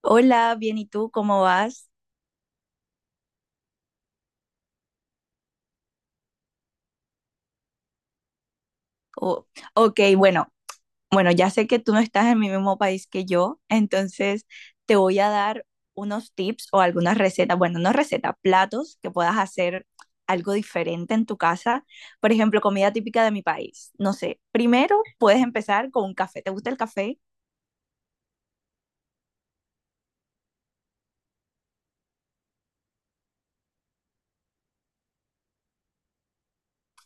Hola, bien, ¿y tú cómo vas? O- ok, bueno, bueno, ya sé que tú no estás en mi mismo país que yo, entonces te voy a dar unos tips o algunas recetas, bueno, no recetas, platos que puedas hacer algo diferente en tu casa. Por ejemplo, comida típica de mi país. No sé, primero puedes empezar con un café. ¿Te gusta el café?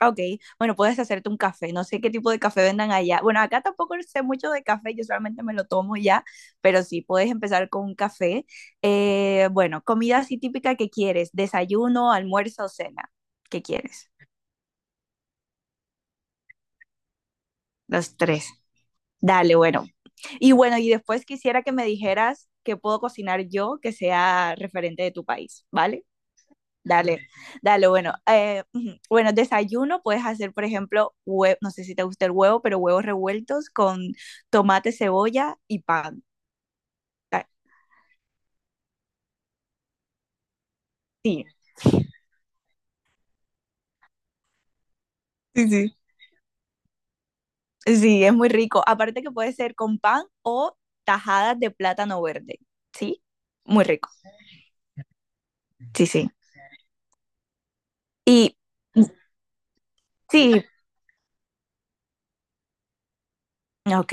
Ah, ok, bueno, puedes hacerte un café. No sé qué tipo de café vendan allá. Bueno, acá tampoco sé mucho de café, yo solamente me lo tomo ya, pero sí, puedes empezar con un café. Bueno, comida así típica que quieres, desayuno, almuerzo o cena. ¿Qué quieres? Los tres. Dale, bueno. Y bueno, y después quisiera que me dijeras qué puedo cocinar yo que sea referente de tu país, ¿vale? Dale, dale, bueno, ujú. Bueno, desayuno puedes hacer, por ejemplo, no sé si te gusta el huevo, pero huevos revueltos con tomate, cebolla y pan. Ta- Sí, sí, sí. Sí, es muy rico. Aparte que puede ser con pan o tajadas de plátano verde, ¿sí? Muy rico, sí, sí. Y sí, ok.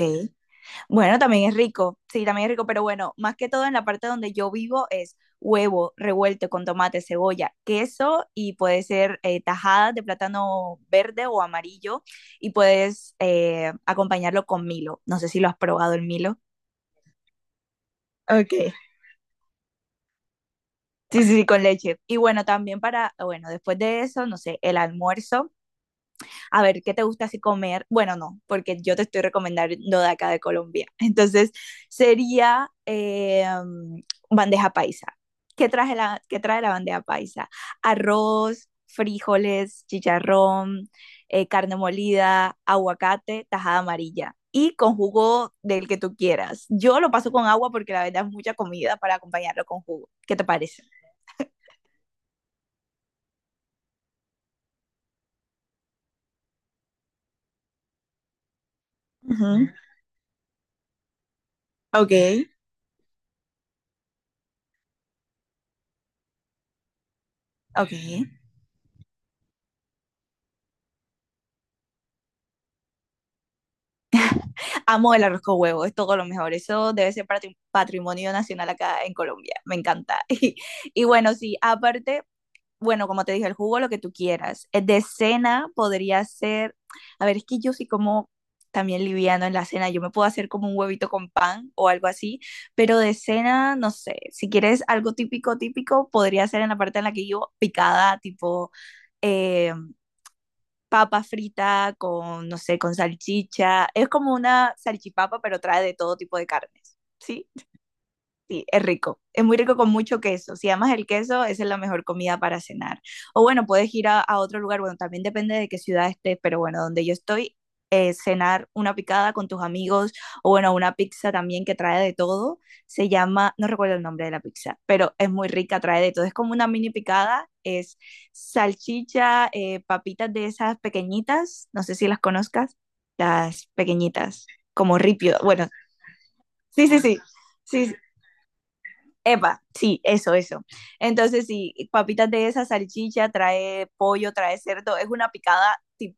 Bueno, también es rico, sí, también es rico, pero bueno, más que todo en la parte donde yo vivo es huevo revuelto con tomate, cebolla, queso y puede ser tajada de plátano verde o amarillo y puedes acompañarlo con Milo. No sé si lo has probado el Milo. Ok. Sí, sí, sí, con leche. Y bueno, también para, bueno, después de eso, no sé, el almuerzo a ver, ¿qué te gusta así comer? Bueno, no, porque yo te estoy recomendando de acá de Colombia. Entonces, sería bandeja paisa. ¿Qué trae la bandeja paisa? Arroz, frijoles, chicharrón, carne molida, aguacate, tajada amarilla y con jugo del que tú quieras. Yo lo paso con agua porque la verdad es mucha comida para acompañarlo con jugo. ¿Qué te parece? Ujú, ok. Amo el arroz con huevo, es todo lo mejor. Eso debe ser patrimonio nacional acá en Colombia. Me encanta. Y, y bueno, sí, aparte, bueno, como te dije, el jugo, lo que tú quieras. De cena podría ser, a ver, es que yo sí como también liviano en la cena, yo me puedo hacer como un huevito con pan o algo así, pero de cena, no sé, si quieres algo típico, típico, podría ser en la parte en la que yo picada, eh, papa frita con, no sé, con salchicha. Es como una salchipapa, pero trae de todo tipo de carnes, ¿sí? Sí, es rico. Es muy rico con mucho queso. Si amas el queso, esa es la mejor comida para cenar. O bueno, puedes ir a otro lugar. Bueno, también depende de qué ciudad estés, pero bueno, donde yo estoy, cenar una picada con tus amigos o bueno, una pizza también que trae de todo. Se llama, no recuerdo el nombre de la pizza, pero es muy rica, trae de todo. Es como una mini picada, es salchicha, papitas de esas pequeñitas, no sé si las conozcas, las pequeñitas, como ripio. Bueno, sí, sí, sí. Sí, epa, sí, eso, eso. Entonces, sí, papitas de esa salchicha, trae pollo, trae cerdo, es una picada,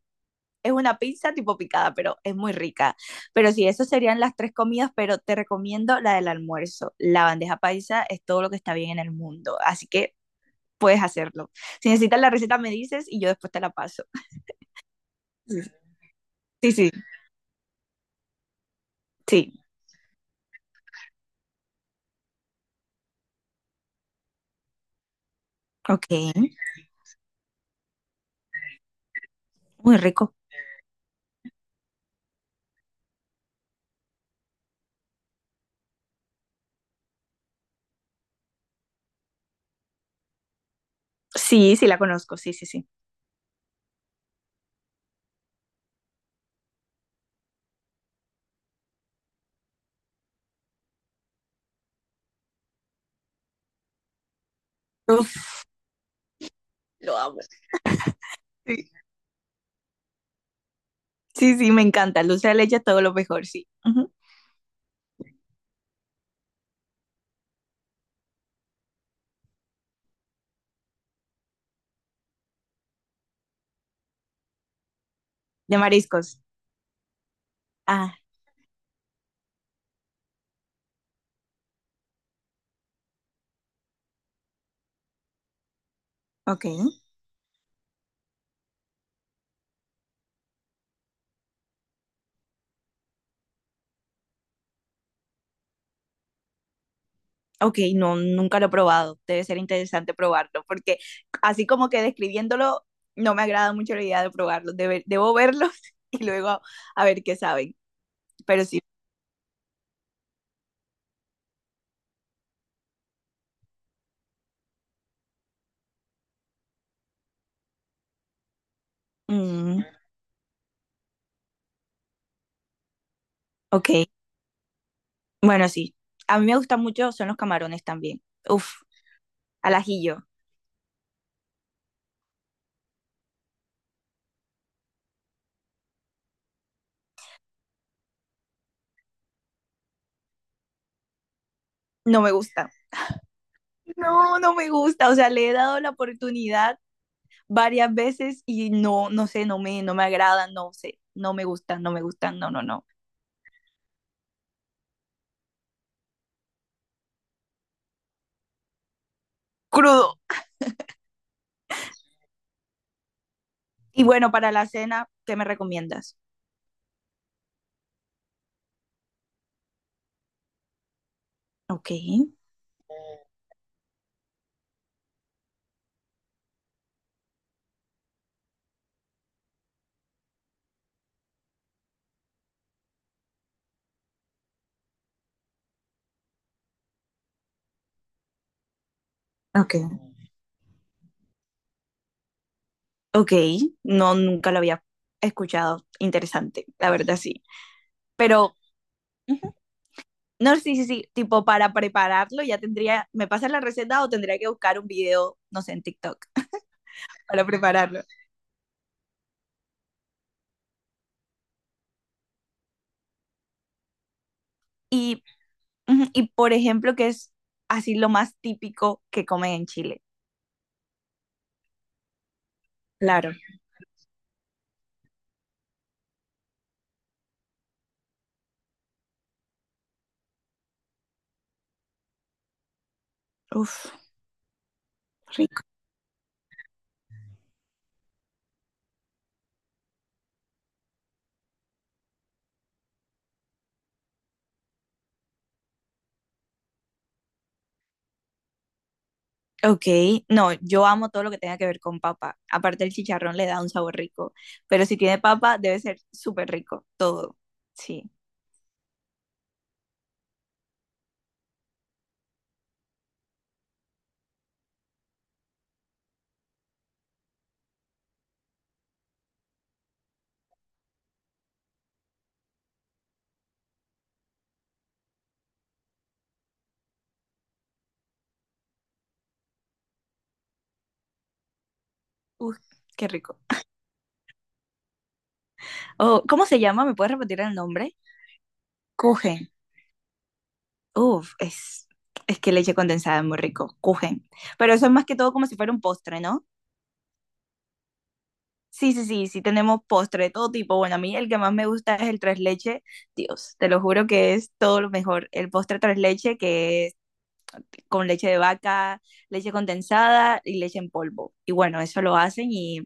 es una pizza tipo picada, pero es muy rica. Pero sí, esas serían las tres comidas, pero te recomiendo la del almuerzo. La bandeja paisa es todo lo que está bien en el mundo, así que puedes hacerlo. Si necesitas la receta, me dices y yo después te la paso. Sí, sí, sí, sí. Ok, muy rico. Sí, sí, la conozco, sí, sí, sí. Uf, lo amo. Sí, sí, sí, me encanta. Dulce de leche, todo lo mejor, sí. Ujú. De mariscos. Ah, ok. Ok, no, nunca lo he probado. Debe ser interesante probarlo, porque así como que describiéndolo, no me agrada mucho la idea de probarlo. Debo verlos y luego a, ver qué saben. Pero sí. Mm, ok, bueno, sí. A mí me gustan mucho, son los camarones también. Uf, al ajillo. No me gusta. No, no me gusta. O sea, le he dado la oportunidad varias veces y no, no sé, no me, no me agradan, no sé. No me gustan, no me gustan, no, no, no. Crudo. Y bueno, para la cena, ¿qué me recomiendas? Ok, ok, ok. No, nunca lo había escuchado. Interesante, la verdad sí. Pero, ujú. No, sí, sí, sí. Tipo, para prepararlo ya tendría, ¿me pasas la receta o tendría que buscar un video, no sé, en TikTok para prepararlo? Y, ujú, y por ejemplo, qué es así lo más típico que comen en Chile? Claro. Uf, ok, no, yo amo todo lo que tenga que ver con papa. Aparte el chicharrón le da un sabor rico, pero si tiene papa debe ser súper rico, todo. Sí, uf, qué rico. Oh, ¿cómo se llama? ¿Me puedes repetir el nombre? Kuchen. Uf, es que leche condensada es muy rico, Kuchen. Pero eso es más que todo como si fuera un postre, ¿no? Sí, sí, sí, sí tenemos postre de todo tipo. Bueno, a mí el que más me gusta es el tres leche. Dios, te lo juro que es todo lo mejor. El postre tres leche que con leche de vaca, leche condensada y leche en polvo. Y bueno, eso lo hacen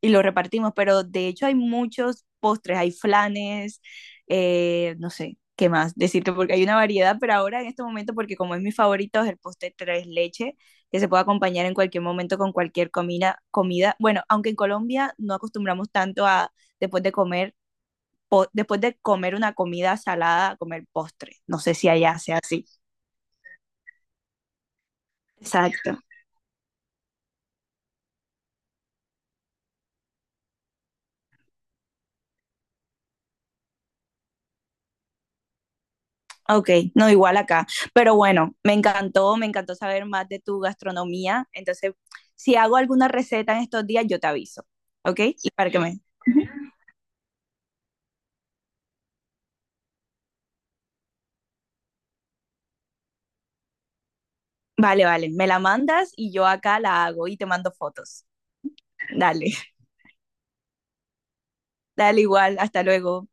y lo repartimos, pero de hecho hay muchos postres, hay flanes, no sé, ¿qué más decirte? Porque hay una variedad, pero ahora en este momento, porque como es mi favorito, es el postre tres leche, que se puede acompañar en cualquier momento con cualquier comida. Bueno, aunque en Colombia no acostumbramos tanto a, después de comer, después de comer una comida salada, a comer postre. No sé si allá sea así. Exacto. Ok, no, igual acá. Pero bueno, me encantó saber más de tu gastronomía. Entonces, si hago alguna receta en estos días, yo te aviso, ¿ok? Y para que me... Ujú. Vale, vale, me la mandas y yo acá la hago y te mando fotos. Dale, dale igual, hasta luego.